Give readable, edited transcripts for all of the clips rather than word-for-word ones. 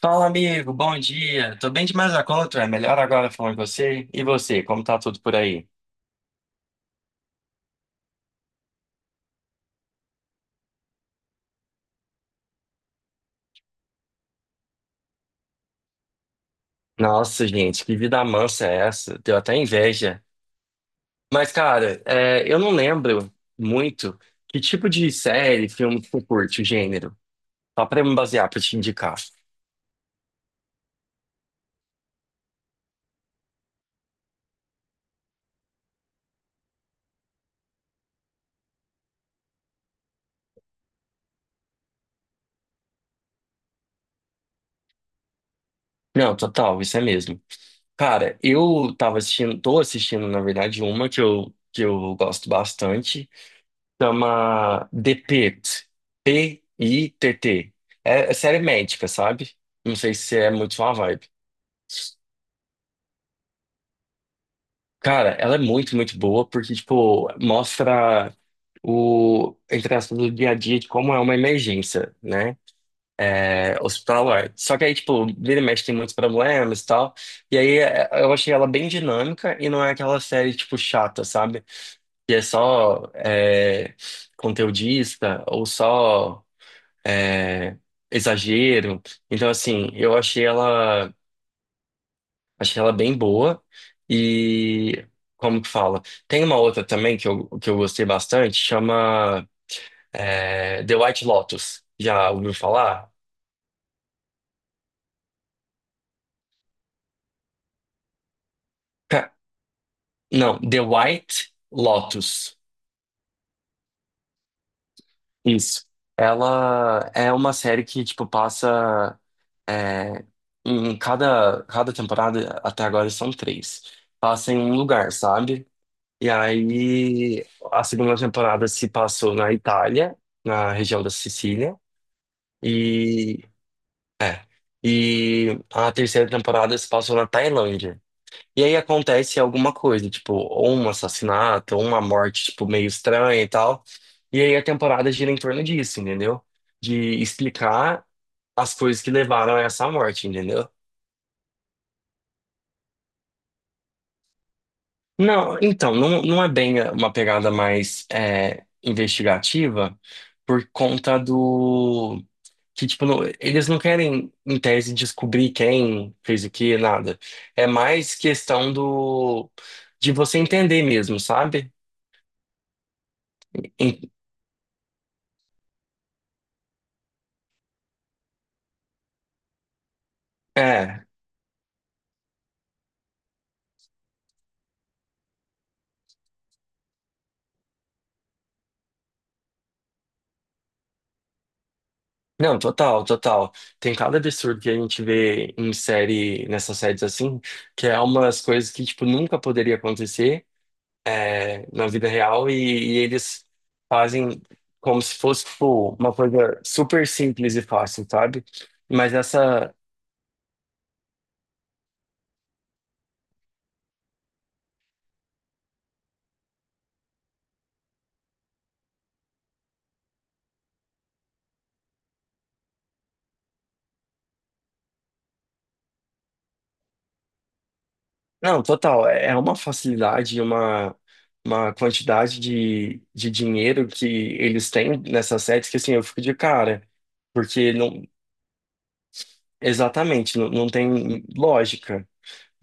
Fala, amigo, bom dia. Tô bem demais da conta, é melhor agora falando com você. E você, como tá tudo por aí? Nossa, gente, que vida mansa é essa? Deu até inveja. Mas, cara, eu não lembro muito que tipo de série, filme que tu curte, o gênero. Só pra eu me basear, pra te indicar. Não, total, isso é mesmo. Cara, eu tava assistindo, tô assistindo, na verdade, uma que que eu gosto bastante. Chama The Pitt. Pitt. É série médica, sabe? Não sei se é muito sua vibe. Cara, ela é muito, muito boa porque, tipo, mostra o, entre aspas, do dia a dia de como é uma emergência, né? É, hospitalar. Só que aí, tipo, vira e mexe tem muitos problemas e tal. E aí eu achei ela bem dinâmica e não é aquela série, tipo, chata, sabe? Que é só conteudista ou só. é, exagero. Então, assim, eu achei ela bem boa. E como que fala? Tem uma outra também que que eu gostei bastante, chama The White Lotus. Já ouviu falar? Ca- Não, The White Lotus. Isso. Ela é uma série que, tipo, passa. é, em cada temporada, até agora são três. Passa em um lugar, sabe? E aí a segunda temporada se passou na Itália, na região da Sicília, e é. E a terceira temporada se passou na Tailândia. E aí acontece alguma coisa, tipo, ou um assassinato, ou uma morte, tipo, meio estranha e tal. E aí a temporada gira em torno disso, entendeu? De explicar as coisas que levaram a essa morte, entendeu? Não, então, não, não é bem uma pegada mais investigativa por conta do que, tipo, eles não querem, em tese, descobrir quem fez o que, nada. É mais questão do de você entender mesmo, sabe? Em- É, não, total, total. Tem cada absurdo que a gente vê em série, nessas séries assim, que é umas coisas que, tipo, nunca poderia acontecer, na vida real e eles fazem como se fosse, tipo, uma coisa super simples e fácil, sabe? Mas essa, não, total, é uma facilidade, e uma quantidade de dinheiro que eles têm nessas séries que, assim, eu fico de cara, porque não, exatamente, não, não tem lógica,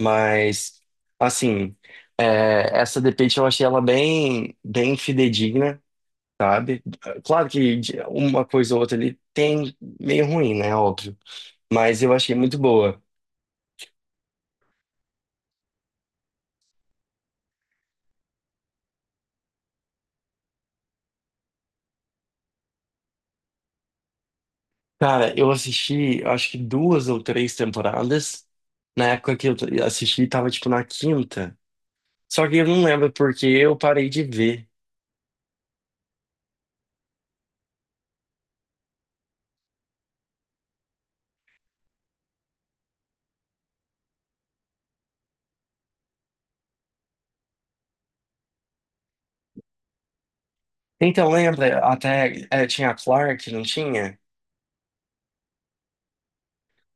mas, assim, essa The Pitt eu achei ela bem, bem fidedigna, sabe? Claro que uma coisa ou outra ali tem meio ruim, né? Óbvio. Mas eu achei muito boa. Cara, eu assisti, eu acho que duas ou três temporadas. Na época que eu assisti, tava tipo na quinta. Só que eu não lembro porque eu parei de ver. Então, lembra? Até tinha a Clark, não tinha?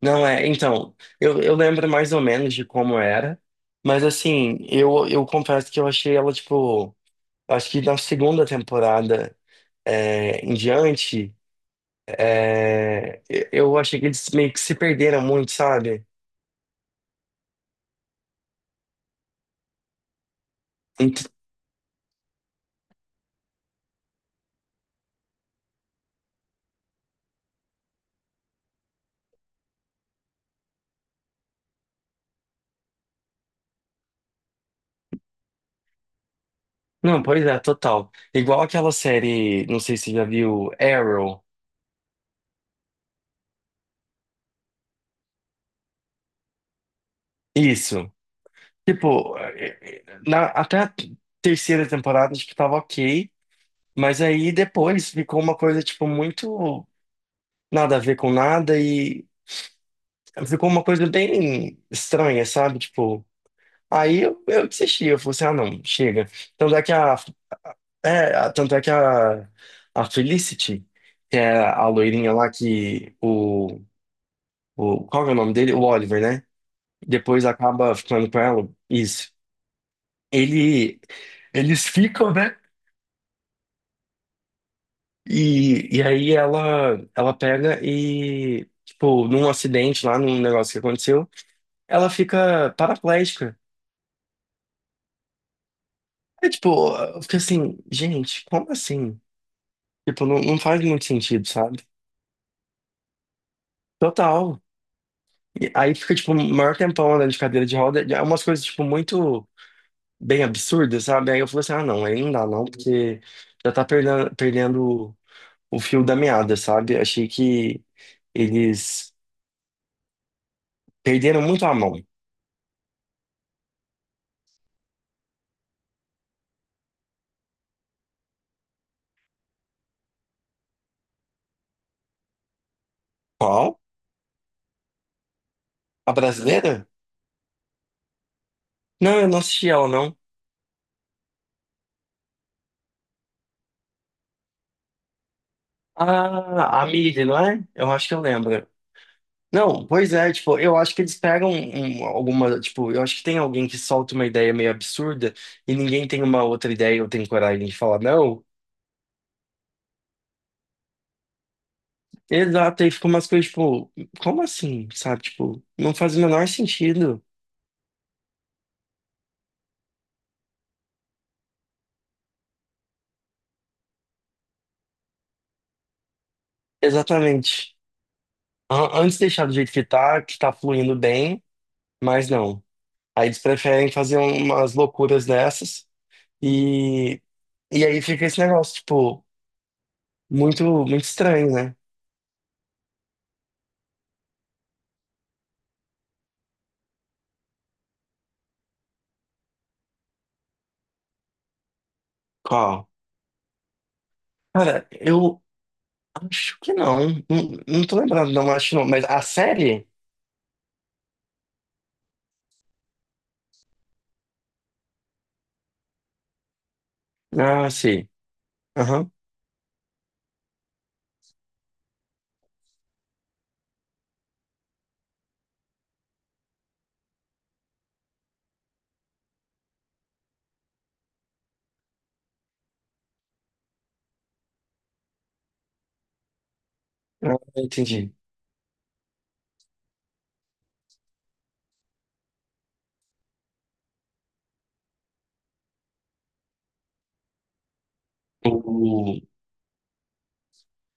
Não, é. Então, eu lembro mais ou menos de como era. Mas assim, eu confesso que eu achei ela, tipo. Acho que na segunda temporada em diante, eu achei que eles meio que se perderam muito, sabe? Ent- Não, pois é, total. Igual aquela série, não sei se você já viu, Arrow. Isso. Tipo, até a terceira temporada acho que tava ok, mas aí depois ficou uma coisa, tipo, muito nada a ver com nada e ficou uma coisa bem estranha, sabe? Tipo. Aí eu desisti, eu falei assim, ah não, chega. Tanto é que a, tanto é que a Felicity, que é a loirinha lá qual que é o nome dele? O Oliver, né? Depois acaba ficando com ela, isso. Ele, eles ficam, né? E aí ela pega e, tipo, num acidente lá, num negócio que aconteceu, ela fica paraplégica. É tipo, eu fiquei assim, gente, como assim? Tipo, não, não faz muito sentido, sabe? Total. E aí fica, tipo, um maior tempão andando de cadeira de roda. É umas coisas, tipo, muito bem absurdas, sabe? Aí eu falei assim, ah, não, aí não dá não, porque já tá perdendo, perdendo o fio da meada, sabe? Achei que eles perderam muito a mão. Qual? A brasileira? Não, eu não assisti ela, não. Ah, a Miri, não é? Eu acho que eu lembro. Não, pois é, tipo, eu acho que eles pegam alguma, tipo, eu acho que tem alguém que solta uma ideia meio absurda e ninguém tem uma outra ideia ou tem coragem de falar não. Exato, aí fica umas coisas tipo, como assim, sabe? Tipo, não faz o menor sentido. Exatamente. Antes deixar do jeito que tá, fluindo bem, mas não. Aí eles preferem fazer umas loucuras dessas e, e aí fica esse negócio, tipo, muito, muito estranho, né? Qual? Cara, acho que não. Não, não tô lembrado, não, acho que não. Mas a série? Ah, sim. Aham. Ah, entendi. O...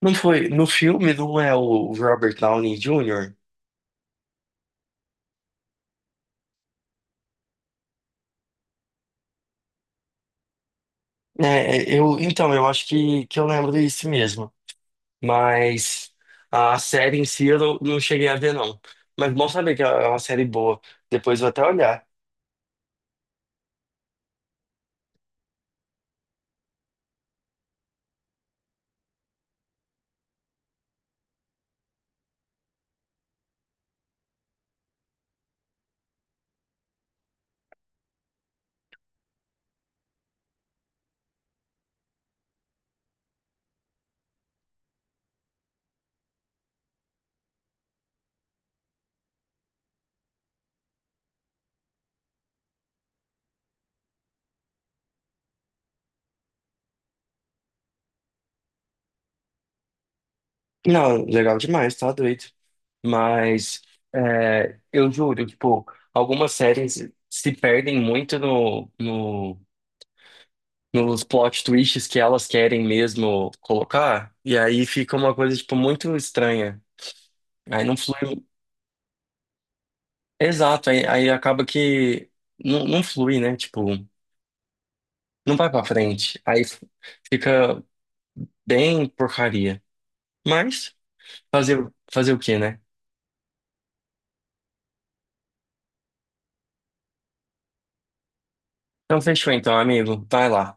Não foi. No filme não é o Robert Downey Jr.? É, eu, então, eu acho que eu lembro disso mesmo. Mas a série em si eu não cheguei a ver, não. Mas bom saber que é uma série boa. Depois eu vou até olhar. Não, legal demais, tá doido. Mas eu juro, tipo, algumas séries se perdem muito nos plot twists que elas querem mesmo colocar, e aí fica uma coisa, tipo, muito estranha. Aí não flui. Exato, aí acaba que não flui, né? Tipo, não vai pra frente. Aí fica bem porcaria. Mas fazer, fazer o quê, né? Então fechou então, amigo. Vai lá.